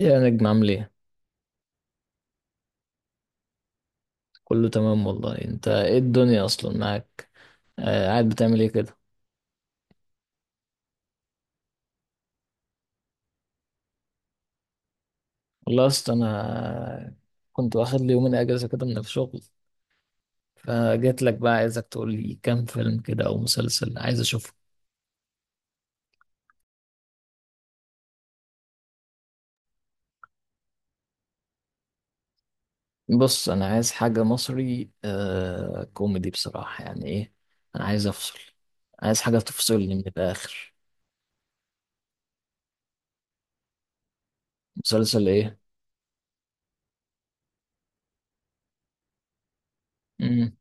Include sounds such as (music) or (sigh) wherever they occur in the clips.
إيه يا نجم، عامل ايه؟ كله تمام والله، انت ايه الدنيا اصلا معاك. آه، قاعد بتعمل ايه كده؟ والله اصلا انا كنت واخد لي يومين اجازه كده من الشغل، فجيت لك بقى عايزك تقول لي كام فيلم كده او مسلسل عايز اشوفه. بص، انا عايز حاجه مصري كوميدي بصراحه، يعني ايه. انا عايز افصل، عايز حاجه تفصلني من الاخر. مسلسل ايه؟ امم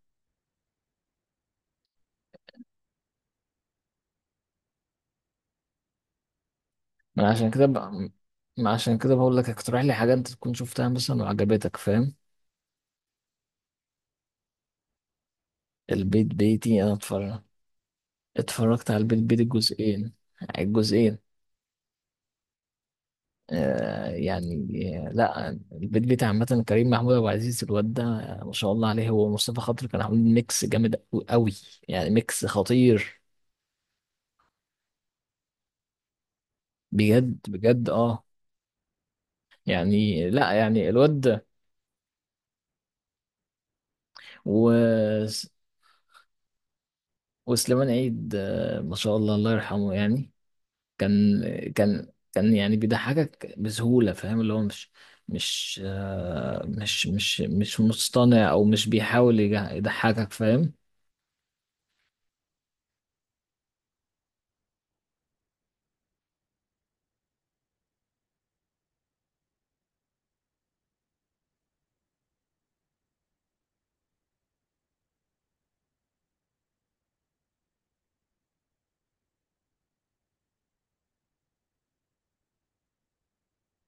ما عشان كده بقى، ما عشان كده بقول لك اقترح لي حاجه انت تكون شفتها مثلا وعجبتك فاهم. البيت بيتي انا اتفرج، اتفرجت على البيت بيتي الجزئين الجزئين. آه يعني، آه لا، البيت بيتي عامة كريم محمود أبو عزيز الواد ده، ما شاء الله عليه، هو ومصطفى خاطر كانوا عاملين ميكس جامد قوي، يعني ميكس خطير. بجد بجد، اه، يعني لا يعني الواد ده. و... وسليمان عيد، ما شاء الله، الله يرحمه يعني. كان كان كان يعني بيضحكك بسهولة، فاهم اللي هو مش، مش مصطنع، او مش بيحاول يضحكك فاهم.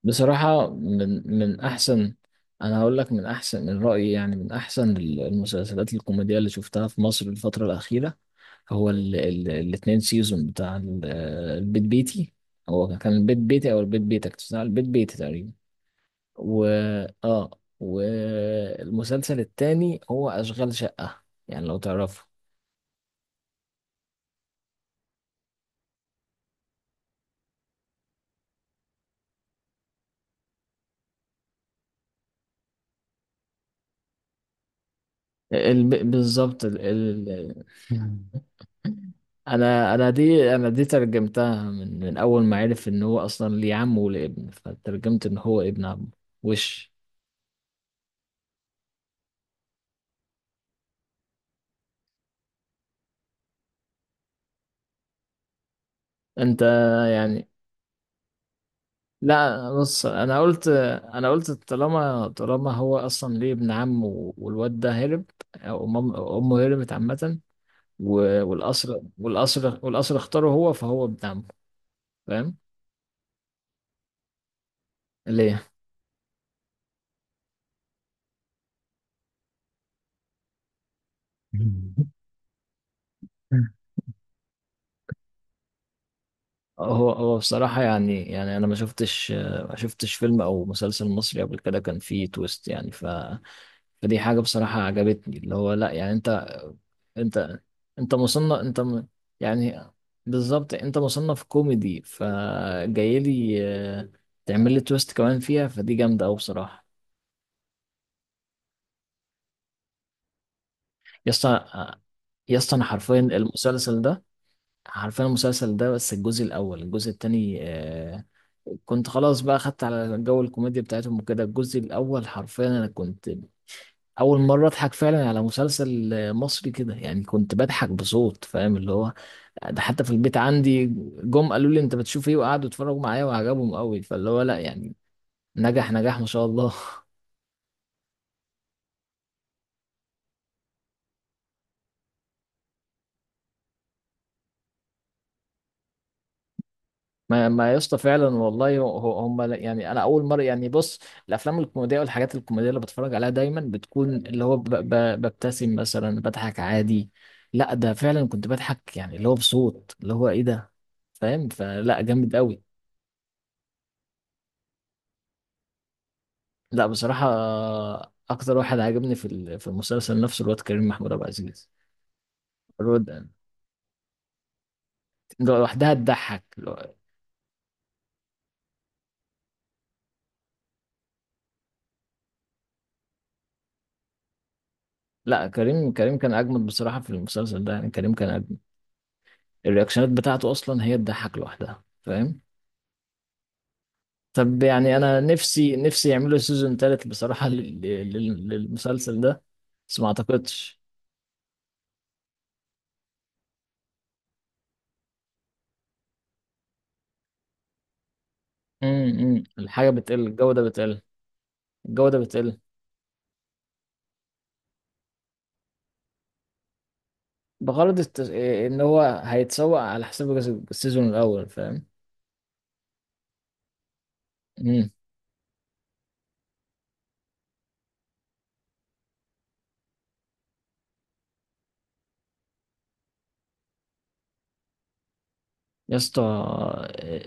بصراحة من احسن، انا هقول لك من احسن، من رأيي يعني، من احسن المسلسلات الكوميدية اللي شفتها في مصر الفترة الأخيرة. هو ال ال الاتنين سيزون بتاع البيت بيتي، هو كان البيت بيتي او البيت بيتك بتاع البيت بيتي تقريبا. و اه والمسلسل التاني هو أشغال شقة، يعني لو تعرفه. بالظبط (laughs) انا دي ترجمتها من اول ما عرف ان هو اصلا ليه عم وليه ابن، فترجمت ان هو ابن عم. وش انت يعني، لا بص، انا قلت، انا قلت طالما هو اصلا ليه ابن عم والواد ده هرب، او أم- امه هربت عامه، والقصر اختاره هو، فهو ابن عمه، فاهم ليه. (laughs) هو بصراحة يعني أنا ما شفتش فيلم أو مسلسل مصري قبل كده كان فيه تويست يعني فدي حاجة بصراحة عجبتني، اللي هو لا يعني أنت أنت مصنف يعني بالظبط أنت مصنف كوميدي، فجاي لي آه، تعمل لي تويست كمان فيها، فدي جامدة أوي بصراحة. يا اسطى يا اسطى أنا حرفيا المسلسل ده، عارفين المسلسل ده بس، الجزء الأول الجزء التاني كنت خلاص بقى خدت على جو الكوميديا بتاعتهم وكده، الجزء الأول حرفيا أنا كنت أول مرة أضحك فعلا على مسلسل مصري كده، يعني كنت بضحك بصوت، فاهم اللي هو، ده حتى في البيت عندي، جم قالوا لي أنت بتشوف إيه، وقعدوا يتفرجوا معايا وعجبهم قوي، فاللي هو لأ يعني، نجح نجاح ما شاء الله. ما ما يا اسطى فعلا والله، هو- هم لا- يعني انا اول مره يعني بص، الافلام الكوميديه والحاجات الكوميديه اللي بتفرج عليها دايما بتكون اللي هو ببتسم مثلا، بضحك عادي، لا ده فعلا كنت بضحك يعني اللي هو بصوت، اللي هو ايه ده، فاهم، فلا جامد قوي، لا بصراحه. اكتر واحد عجبني في المسلسل نفسه الواد كريم محمود عبد العزيز، الواد لوحدها تضحك. لا كريم كان اجمد بصراحه في المسلسل ده يعني، كريم كان اجمد، الرياكشنات بتاعته اصلا هي تضحك لوحدها، فاهم. طب يعني انا نفسي نفسي يعملوا سيزون تالت بصراحة، للمسلسل ده، بس ما اعتقدش. الحاجة بتقل، الجودة بتقل، الجودة بتقل، بغرض ان هو هيتسوق على حساب السيزون الاول فاهم. امم يا اسطى،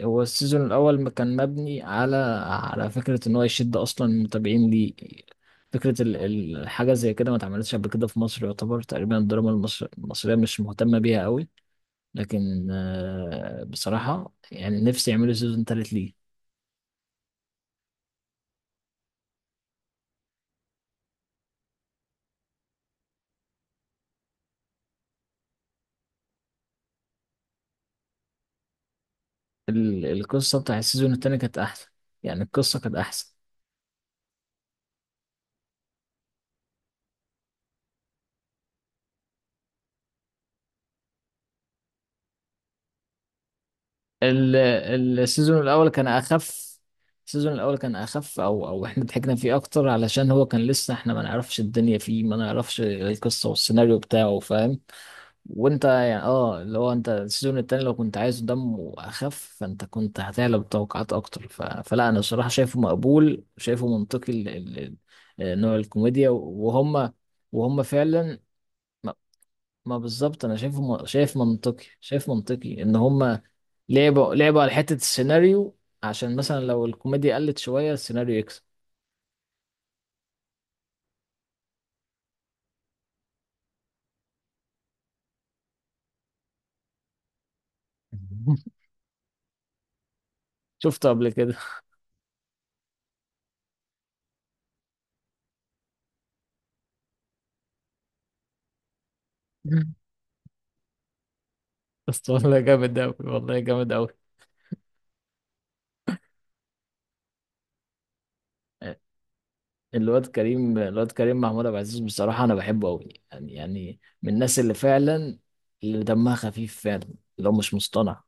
هو السيزون الاول ما كان مبني على فكرة ان هو يشد اصلا المتابعين ليه، فكرة الحاجة زي كده ما اتعملتش قبل كده في مصر، يعتبر تقريبا الدراما المصرية مش مهتمة بيها قوي، لكن بصراحة يعني نفسي يعملوا سيزون تالت ليه. القصة بتاع السيزون التاني كانت أحسن، يعني القصة كانت أحسن. ال- السيزون الأول كان أخف، السيزون الأول كان أخف أو إحنا ضحكنا فيه أكتر علشان هو كان لسه إحنا ما نعرفش الدنيا فيه، ما نعرفش القصة والسيناريو بتاعه، فاهم. وانت يعني اللي هو انت السيزون التاني لو كنت عايزه دمه اخف، فانت كنت هتعلى بالتوقعات اكتر فلا انا الصراحه شايفه مقبول شايفه منطقي نوع الكوميديا وهم، وهم فعلا. ما, ما بالظبط انا شايفه شايف منطقي ان هم لعبوا على حته السيناريو، عشان مثلا لو الكوميديا قلت شويه السيناريو يكسب. (laughs) شفته قبل كده. (laughs) بس والله جامد أوي، والله جامد أوي. آه، الواد كريم محمود عبد العزيز بصراحة أنا بحبه أوي، يعني من الناس اللي فعلا اللي دمها خفيف فعلا، اللي هو مش مصطنع.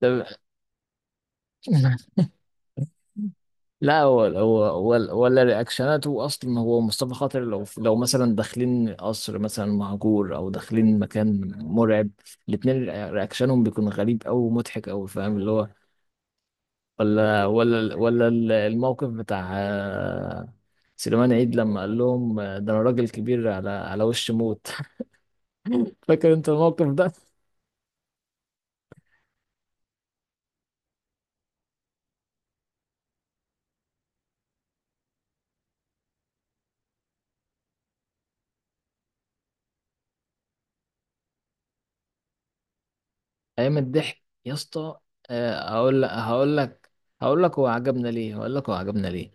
ده- (laughs) لا ولا رياكشناته أصلا، هو مصطفى خاطر لو مثلا داخلين قصر مثلا مهجور، أو داخلين مكان مرعب، الاتنين رياكشنهم بيكون غريب أوي ومضحك أوي، فاهم اللي هو، ولا الموقف بتاع سليمان عيد لما قال لهم ده أنا راجل كبير على وش موت، فاكر انت الموقف ده؟ ايام الضحك يا اسطى. هقول لك، هقول لك هو عجبنا ليه، هقول لك هو عجبنا ليه،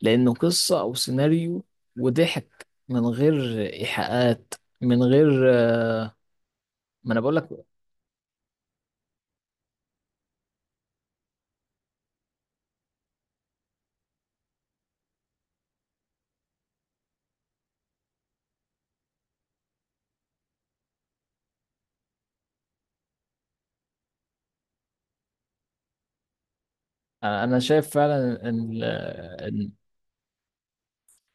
لانه قصه او سيناريو، وضحك من غير ايحاءات، من غير ما انا بقول لك. انا شايف فعلا ان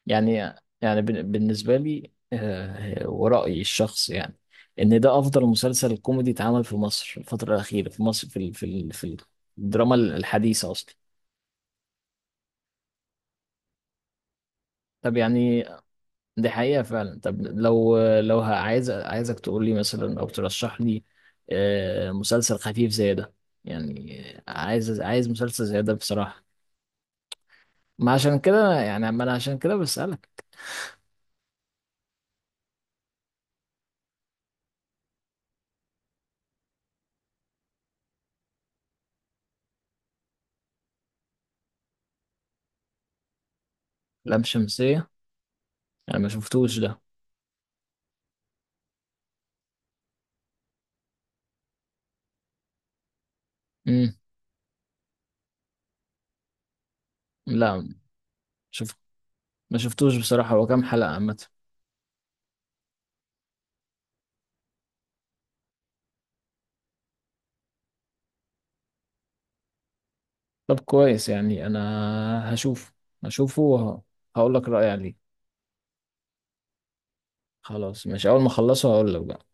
يعني يعني بالنسبه لي، ورايي الشخصي يعني، ان ده افضل مسلسل كوميدي اتعمل في مصر الفتره الاخيره، في مصر في ال- في ال- في الدراما الحديثه اصلا. طب يعني دي حقيقة فعلا، طب لو عايز عايزك تقول لي مثلا او ترشح لي مسلسل خفيف زي ده، يعني عايز مسلسل زي ده بصراحة، ما عشان كده يعني، ما انا عشان كده بسألك. لام شمسية، انا ما شفتوش ده. امم لا شوف، ما شفتوش بصراحة، هو كام حلقة عامة؟ طب كويس، يعني انا هشوف، هشوفه وهقول لك رأيي عليه. خلاص، مش اول ما اخلصه هقول لك بقى.